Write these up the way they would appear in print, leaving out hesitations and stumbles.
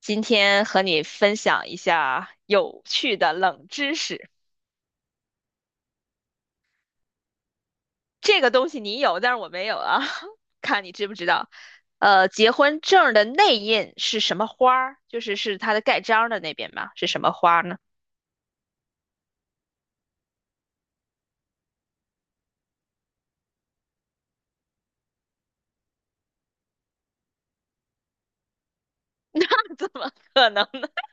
今天和你分享一下有趣的冷知识。这个东西你有，但是我没有啊，看你知不知道。结婚证儿的内印是什么花儿？就是它的盖章儿的那边吧，是什么花儿呢？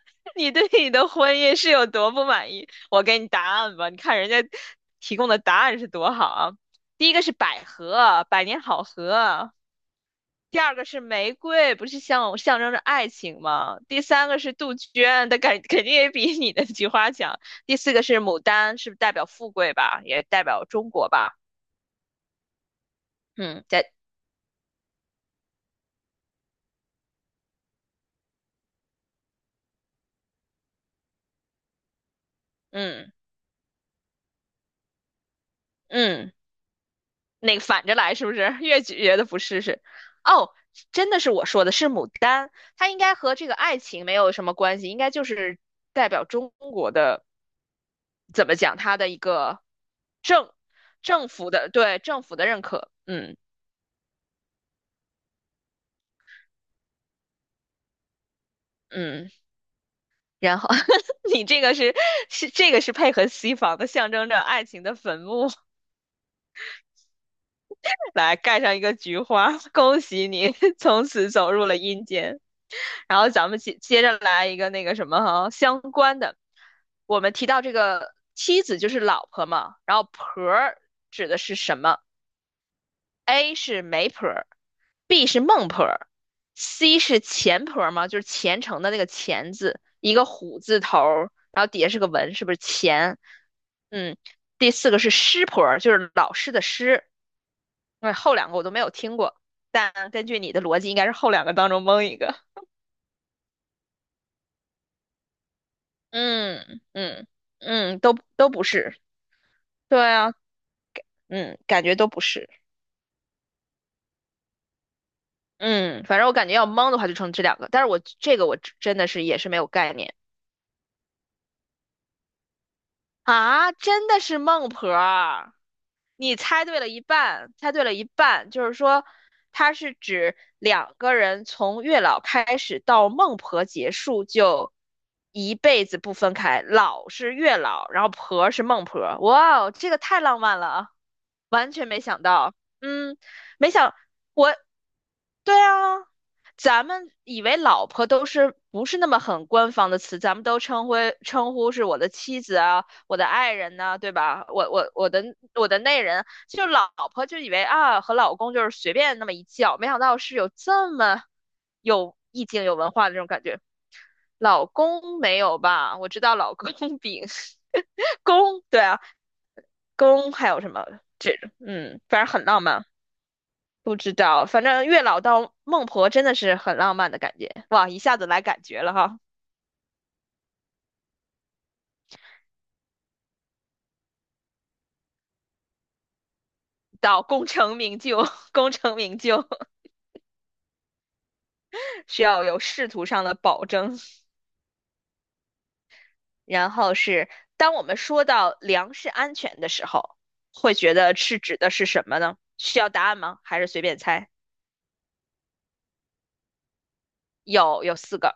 你对你的婚姻是有多不满意？我给你答案吧，你看人家提供的答案是多好啊。第一个是百合，百年好合；第二个是玫瑰，不是象征着爱情吗？第三个是杜鹃，它肯定也比你的菊花强。第四个是牡丹，是不是代表富贵吧？也代表中国吧？嗯，在嗯嗯，那个反着来是不是？越觉得不是，哦，真的是我说的是牡丹，它应该和这个爱情没有什么关系，应该就是代表中国的，怎么讲，它的一个政政府的认可，嗯。然后 你这个是配合西方的，象征着爱情的坟墓，来盖上一个菊花，恭喜你 从此走入了阴间。然后咱们接着来一个那个什么哈相关的，我们提到这个妻子就是老婆嘛，然后婆儿指的是什么？A 是媒婆， B 是孟婆儿，C 是钱婆儿吗？就是虔诚的那个虔字，一个虎字头儿，然后底下是个文，是不是钱？嗯，第四个是师婆儿，就是老师的师。那后两个我都没有听过，但根据你的逻辑，应该是后两个当中蒙一个。嗯嗯嗯，都不是。对啊，嗯，感觉都不是。嗯，反正我感觉要蒙的话就成这两个，但是我这个我真的是也是没有概念。啊，真的是孟婆儿。你猜对了一半，猜对了一半，就是说，它是指两个人从月老开始到孟婆结束，就一辈子不分开。老是月老，然后婆是孟婆。哇哦，这个太浪漫了啊，完全没想到。嗯，没想我，对啊，咱们以为老婆都是不是那么很官方的词，咱们都称呼是我的妻子啊，我的爱人呢，对吧？我的内人，就老婆就以为啊和老公就是随便那么一叫，没想到是有这么有意境、有文化的这种感觉。老公没有吧？我知道老公饼 公，对啊，公还有什么这嗯，反正很浪漫。不知道，反正月老到孟婆真的是很浪漫的感觉，哇，一下子来感觉了哈。到功成名就，功成名就需要有仕途上的保证。然后是当我们说到粮食安全的时候，会觉得是指的是什么呢？需要答案吗？还是随便猜？有四个：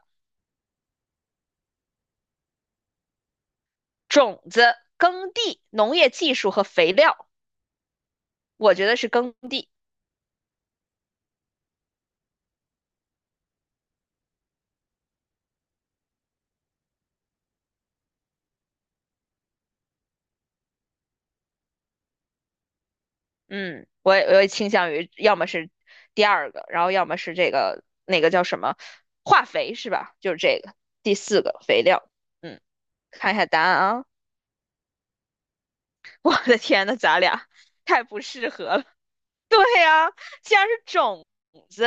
种子、耕地、农业技术和肥料。我觉得是耕地。嗯，我也倾向于要么是第二个，然后要么是这个那个叫什么化肥是吧？就是这个第四个肥料。嗯，看一下答案啊！我的天呐，咱俩太不适合了。对呀，既然是种子，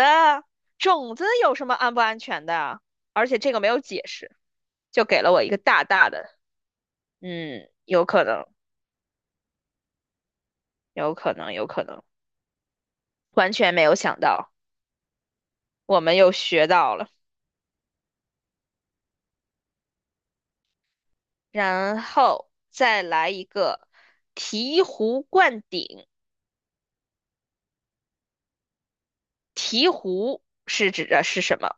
种子有什么安不安全的啊？而且这个没有解释，就给了我一个大大的，嗯，有可能，有可能，有可能，完全没有想到，我们又学到了。然后再来一个醍醐灌顶，醍醐是指的是什么？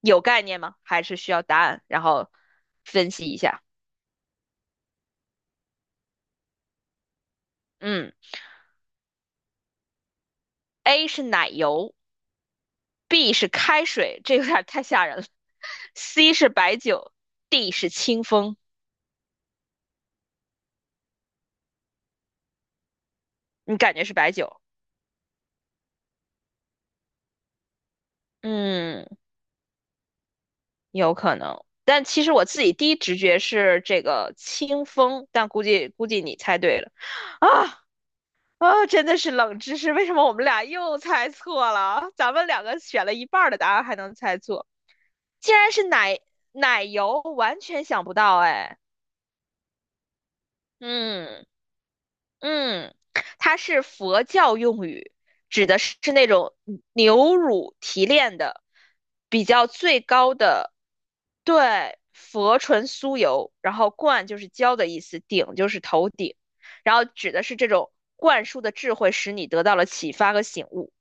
有概念吗？还是需要答案？然后分析一下。嗯，A 是奶油。B 是开水，这有点太吓人了。C 是白酒，D 是清风。你感觉是白酒？嗯，有可能。但其实我自己第一直觉是这个清风，但估计你猜对了。啊啊，真的是冷知识，为什么我们俩又猜错了啊？咱们两个选了一半儿的答案还能猜错，竟然是奶油，完全想不到哎。嗯。嗯，它是佛教用语，指的是那种牛乳提炼的比较最高的，对，佛纯酥油，然后冠就是浇的意思，顶就是头顶，然后指的是这种灌输的智慧，使你得到了启发和醒悟。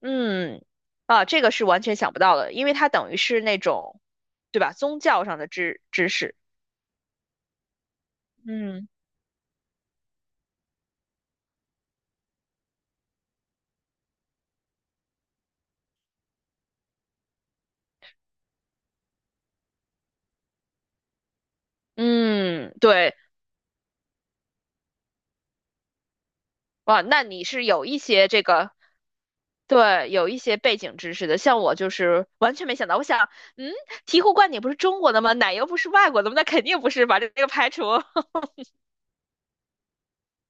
嗯，啊，这个是完全想不到的，因为它等于是那种，对吧？宗教上的知识。嗯。嗯，对，哇，那你是有一些这个，对，有一些背景知识的。像我就是完全没想到，我想，嗯，醍醐灌顶不是中国的吗？奶油不是外国的吗？那肯定不是吧，这个排除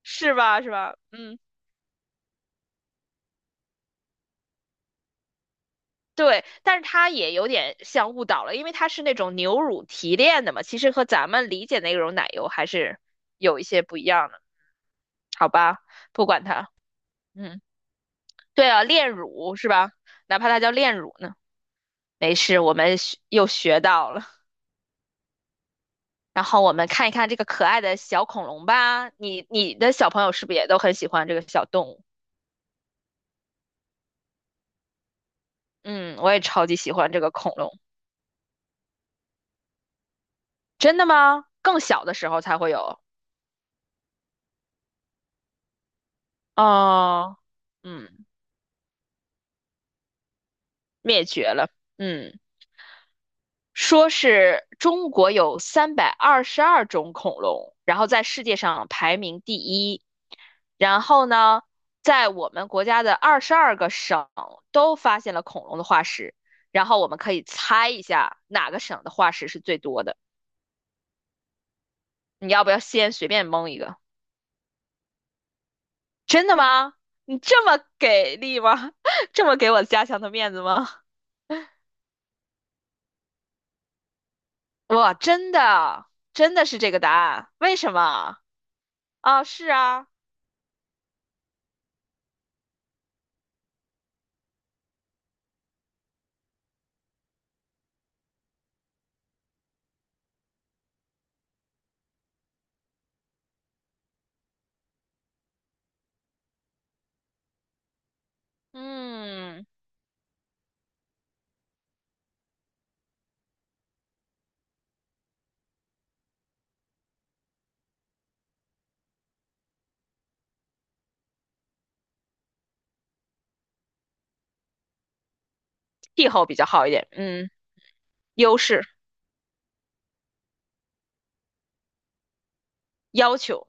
是吧？是吧？嗯，对。但是它也有点像误导了，因为它是那种牛乳提炼的嘛，其实和咱们理解那种奶油还是有一些不一样的。好吧，不管它，嗯，对啊，炼乳是吧？哪怕它叫炼乳呢，没事，我们又学到了。然后我们看一看这个可爱的小恐龙吧。你的小朋友是不是也都很喜欢这个小动物？嗯，我也超级喜欢这个恐龙。真的吗？更小的时候才会有哦。嗯，灭绝了。嗯，说是中国有322种恐龙，然后在世界上排名第一。然后呢，在我们国家的22个省都发现了恐龙的化石。然后我们可以猜一下哪个省的化石是最多的。你要不要先随便蒙一个？真的吗？你这么给力吗？这么给我家乡的面子吗？哇，真的，真的是这个答案？为什么？啊，是啊，嗯，气候比较好一点，嗯，优势要求，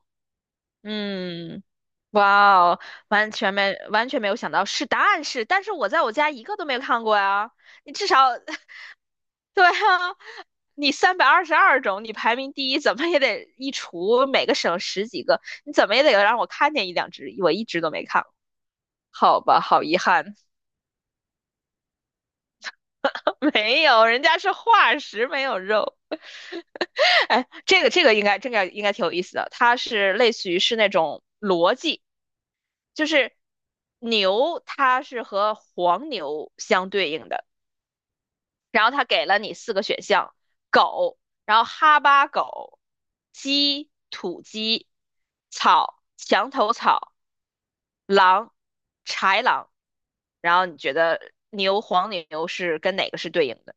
嗯，哇哦，完全没有想到是答案是，但是我在我家一个都没有看过呀，你至少 对啊，你322种，你排名第一，怎么也得一除每个省十几个，你怎么也得让我看见一两只，我一只都没看过。好吧，好遗憾，没有，人家是化石，没有肉。哎，这个这个应该这个应该挺有意思的，它是类似于是那种逻辑，就是牛它是和黄牛相对应的，然后他给了你四个选项：狗，然后哈巴狗、鸡、土鸡、草、墙头草、狼、豺狼。然后你觉得牛、黄牛是跟哪个是对应的？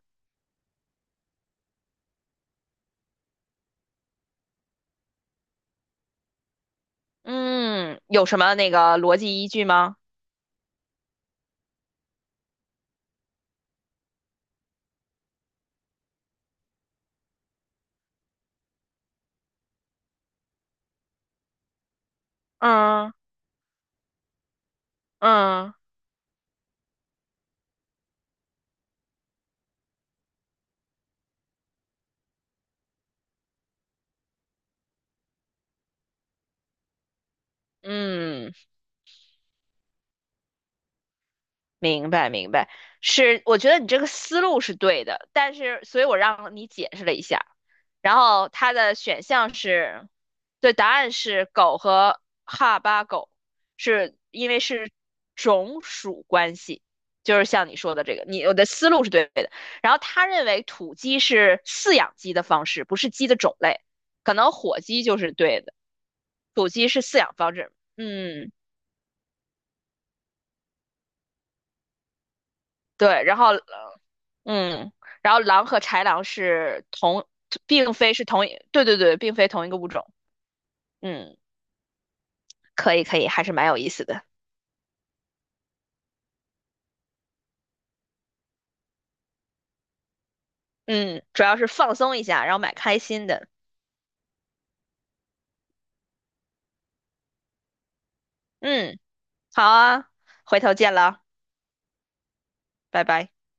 嗯，有什么那个逻辑依据吗？嗯嗯嗯，明白，明白，是，我觉得你这个思路是对的，但是，所以我让你解释了一下，然后它的选项是，对，答案是狗和哈巴狗，是因为是种属关系，就是像你说的这个，你我的思路是对的。然后他认为土鸡是饲养鸡的方式，不是鸡的种类，可能火鸡就是对的，土鸡是饲养方式，嗯，对，然后嗯，然后狼和豺狼是同，并非是同一，对对对，并非同一个物种。嗯，可以可以，还是蛮有意思的。嗯，主要是放松一下，然后蛮开心的。嗯，好啊，回头见了，拜拜。